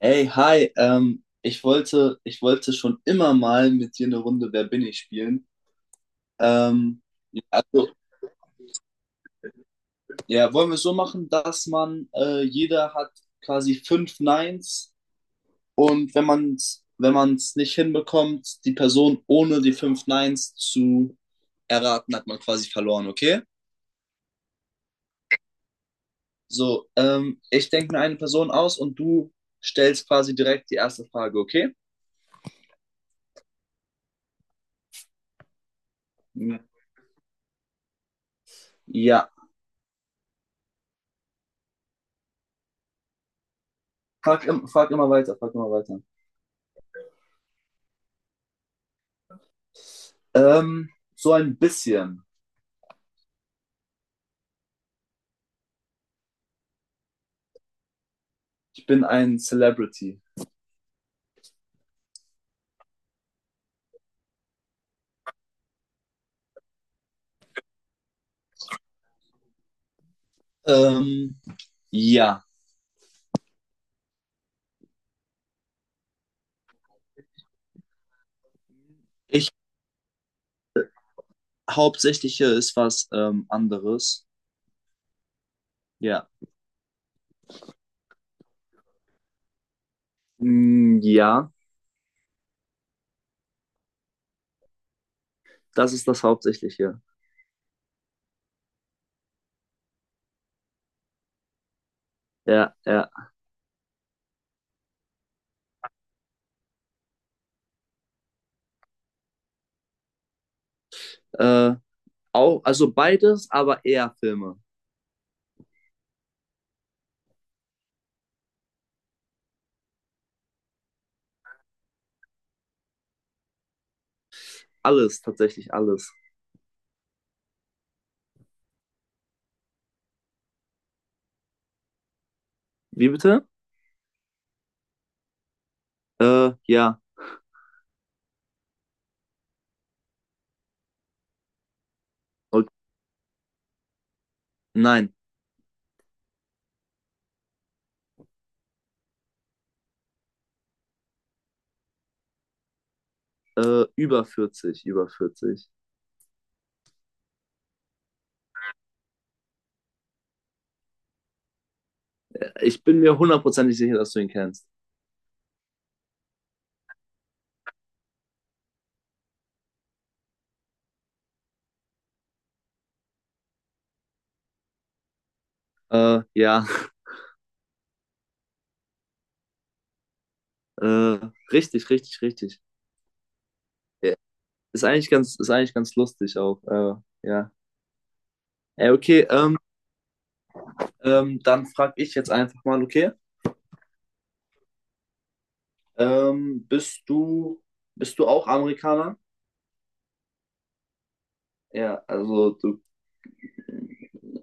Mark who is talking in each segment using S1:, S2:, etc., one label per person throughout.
S1: Hey, hi, ich wollte schon immer mal mit dir eine Runde Wer bin ich spielen. Ähm, ja, also, ja, wollen wir es so machen, dass man, jeder hat quasi fünf Neins, und wenn man es nicht hinbekommt, die Person ohne die fünf Neins zu erraten, hat man quasi verloren, okay? So, ich denke mir eine Person aus und du stellst quasi direkt die erste Frage, okay? Ja. Ja. Frag immer weiter, frag immer weiter. Ähm, so ein bisschen. Ich bin ein Celebrity. Ähm, ja. Ich Hauptsächliche ist was anderes. Ja. Mm, ja, das ist das Hauptsächliche. Ja, ja. Äh, Auch, also beides, aber eher Filme. Alles, tatsächlich alles. Wie bitte? Ja. Und, nein. Über 40, über 40. Ich bin mir hundertprozentig sicher, dass du ihn kennst. Ja. Äh, Richtig, richtig, richtig. Ja, ist eigentlich ganz lustig auch. Ja. Ey, okay, dann frage ich jetzt einfach mal, okay, ähm, bist du, bist du auch Amerikaner? Ja, also du,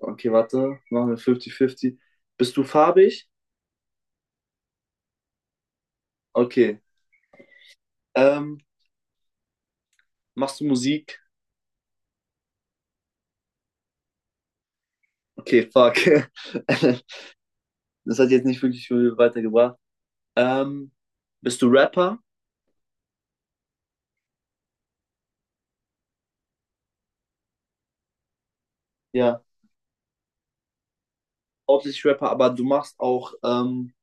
S1: okay, warte, machen wir 50-50. Bist du farbig? Okay. Ähm, Machst du Musik? Okay, fuck. Das hat jetzt nicht wirklich viel weitergebracht. Ähm, Bist du Rapper? Ja, hauptsächlich Rapper, aber du machst auch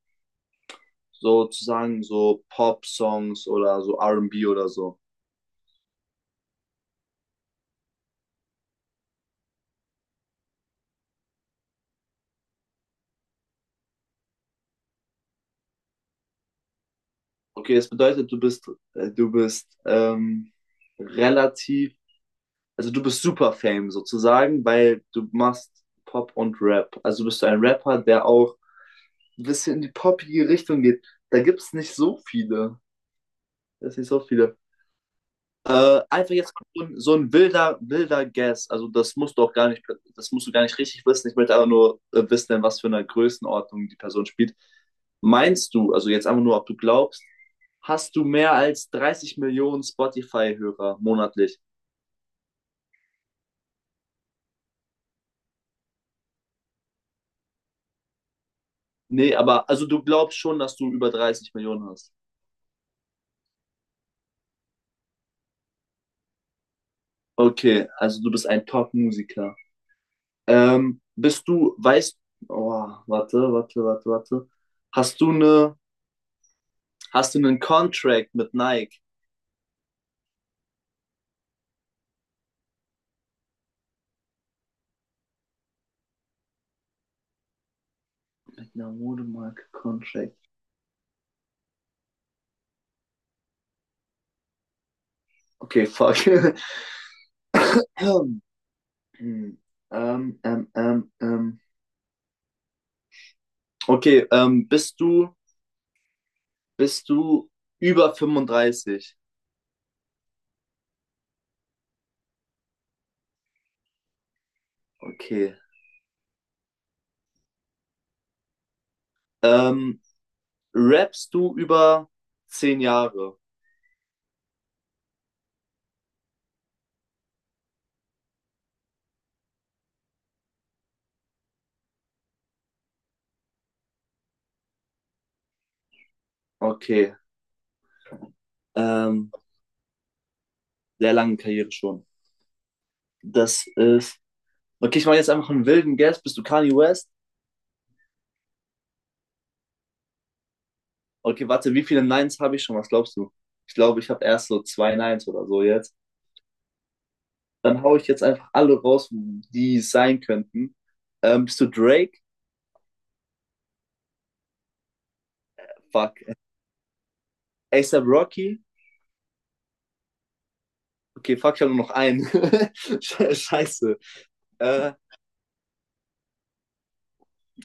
S1: sozusagen so Pop-Songs oder so R&B oder so. Okay, das bedeutet, du bist relativ, also du bist super Fame sozusagen, weil du machst Pop und Rap. Also bist du ein Rapper, der auch ein bisschen in die poppige Richtung geht. Da gibt es nicht so viele. Da ist nicht so viele. Einfach jetzt so ein wilder, wilder Guess. Also das musst du auch gar nicht, das musst du gar nicht richtig wissen. Ich möchte aber nur wissen, in was für einer Größenordnung die Person spielt. Meinst du, also jetzt einfach nur, ob du glaubst, hast du mehr als 30 Millionen Spotify-Hörer monatlich? Nee, aber also du glaubst schon, dass du über 30 Millionen hast. Okay, also du bist ein Top-Musiker. Bist du, weißt, oh, warte, warte, warte, warte. Hast du eine, hast du einen Contract mit Nike? Na, Modemarke, Contract. Okay, fuck. ähm, ähm, ähm, ähm. Okay, bist du über 35? Okay. Ähm, Rappst du über 10 Jahre? Okay. Ähm, Sehr lange Karriere schon. Das ist. Okay, ich mache jetzt einfach einen wilden Guess. Bist du Kanye West? Okay, warte, wie viele Nines habe ich schon? Was glaubst du? Ich glaube, ich habe erst so zwei Nines oder so jetzt. Dann hau ich jetzt einfach alle raus, die es sein könnten. Bist du Drake? Fuck. ASAP Rocky? Okay, fuck, ich habe nur noch einen. Scheiße. Äh,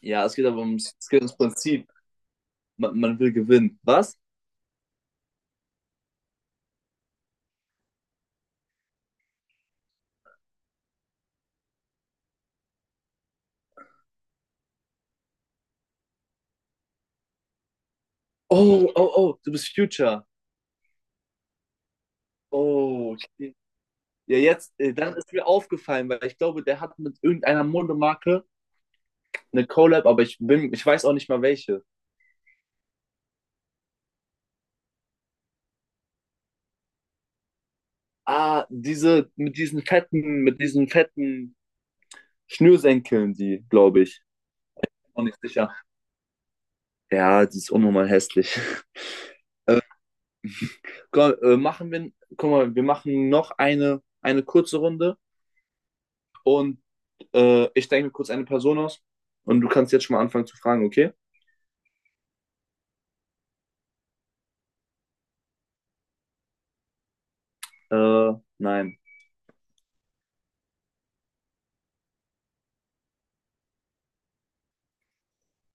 S1: ja, es geht aber ums, es geht ums Prinzip. Man will gewinnen. Was? Oh, oh, oh, du bist Future. Oh, okay. Ja, jetzt, dann ist mir aufgefallen, weil ich glaube, der hat mit irgendeiner Modemarke eine Collab, aber ich weiß auch nicht mal welche. Ah, diese, mit diesen fetten Schnürsenkeln, die, glaube ich. Auch nicht sicher. Ja, die ist unnormal hässlich. Komm, machen wir, guck mal, wir machen noch eine kurze Runde und ich denke mir kurz eine Person aus und du kannst jetzt schon mal anfangen zu fragen, okay? Äh, nein,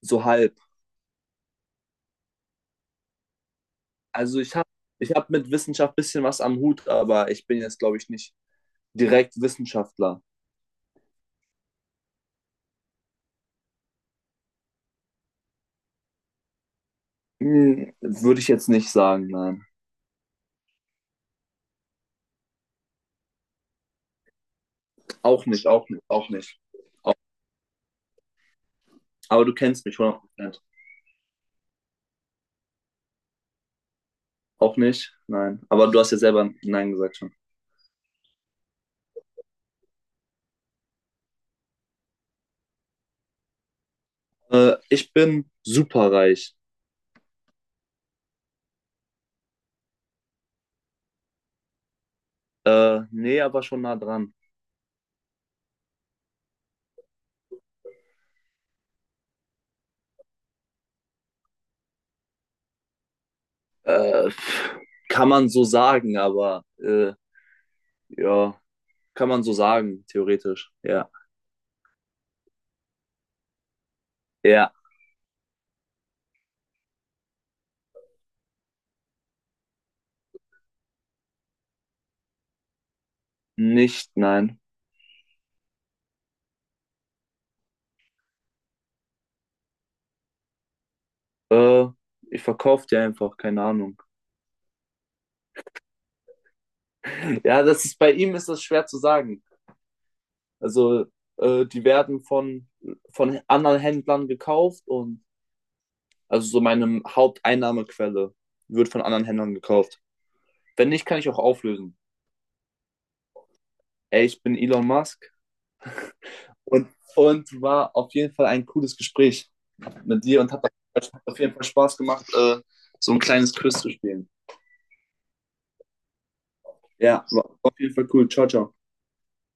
S1: so halb. Also ich hab mit Wissenschaft ein bisschen was am Hut, aber ich bin jetzt, glaube ich, nicht direkt Wissenschaftler. Würde ich jetzt nicht sagen, nein. Auch nicht, auch nicht, auch nicht. Aber du kennst mich 100%. Auch nicht, nein. Aber du hast ja selber Nein gesagt schon. Ich bin superreich. Nee, aber schon nah dran. Äh, pff, Kann man so sagen, aber ja, kann man so sagen, theoretisch. Ja. Ja, nicht, nein. Äh, Ich verkaufe die einfach, keine Ahnung. Ja, das ist bei ihm ist das schwer zu sagen. Also, die werden von anderen Händlern gekauft und also so meine Haupteinnahmequelle wird von anderen Händlern gekauft. Wenn nicht, kann ich auch auflösen. Ey, ich bin Elon Musk. Und, und war auf jeden Fall ein cooles Gespräch mit dir und hat auf jeden Fall Spaß gemacht, so ein kleines Quiz zu spielen. Ja, war auf jeden Fall cool. Ciao, ciao.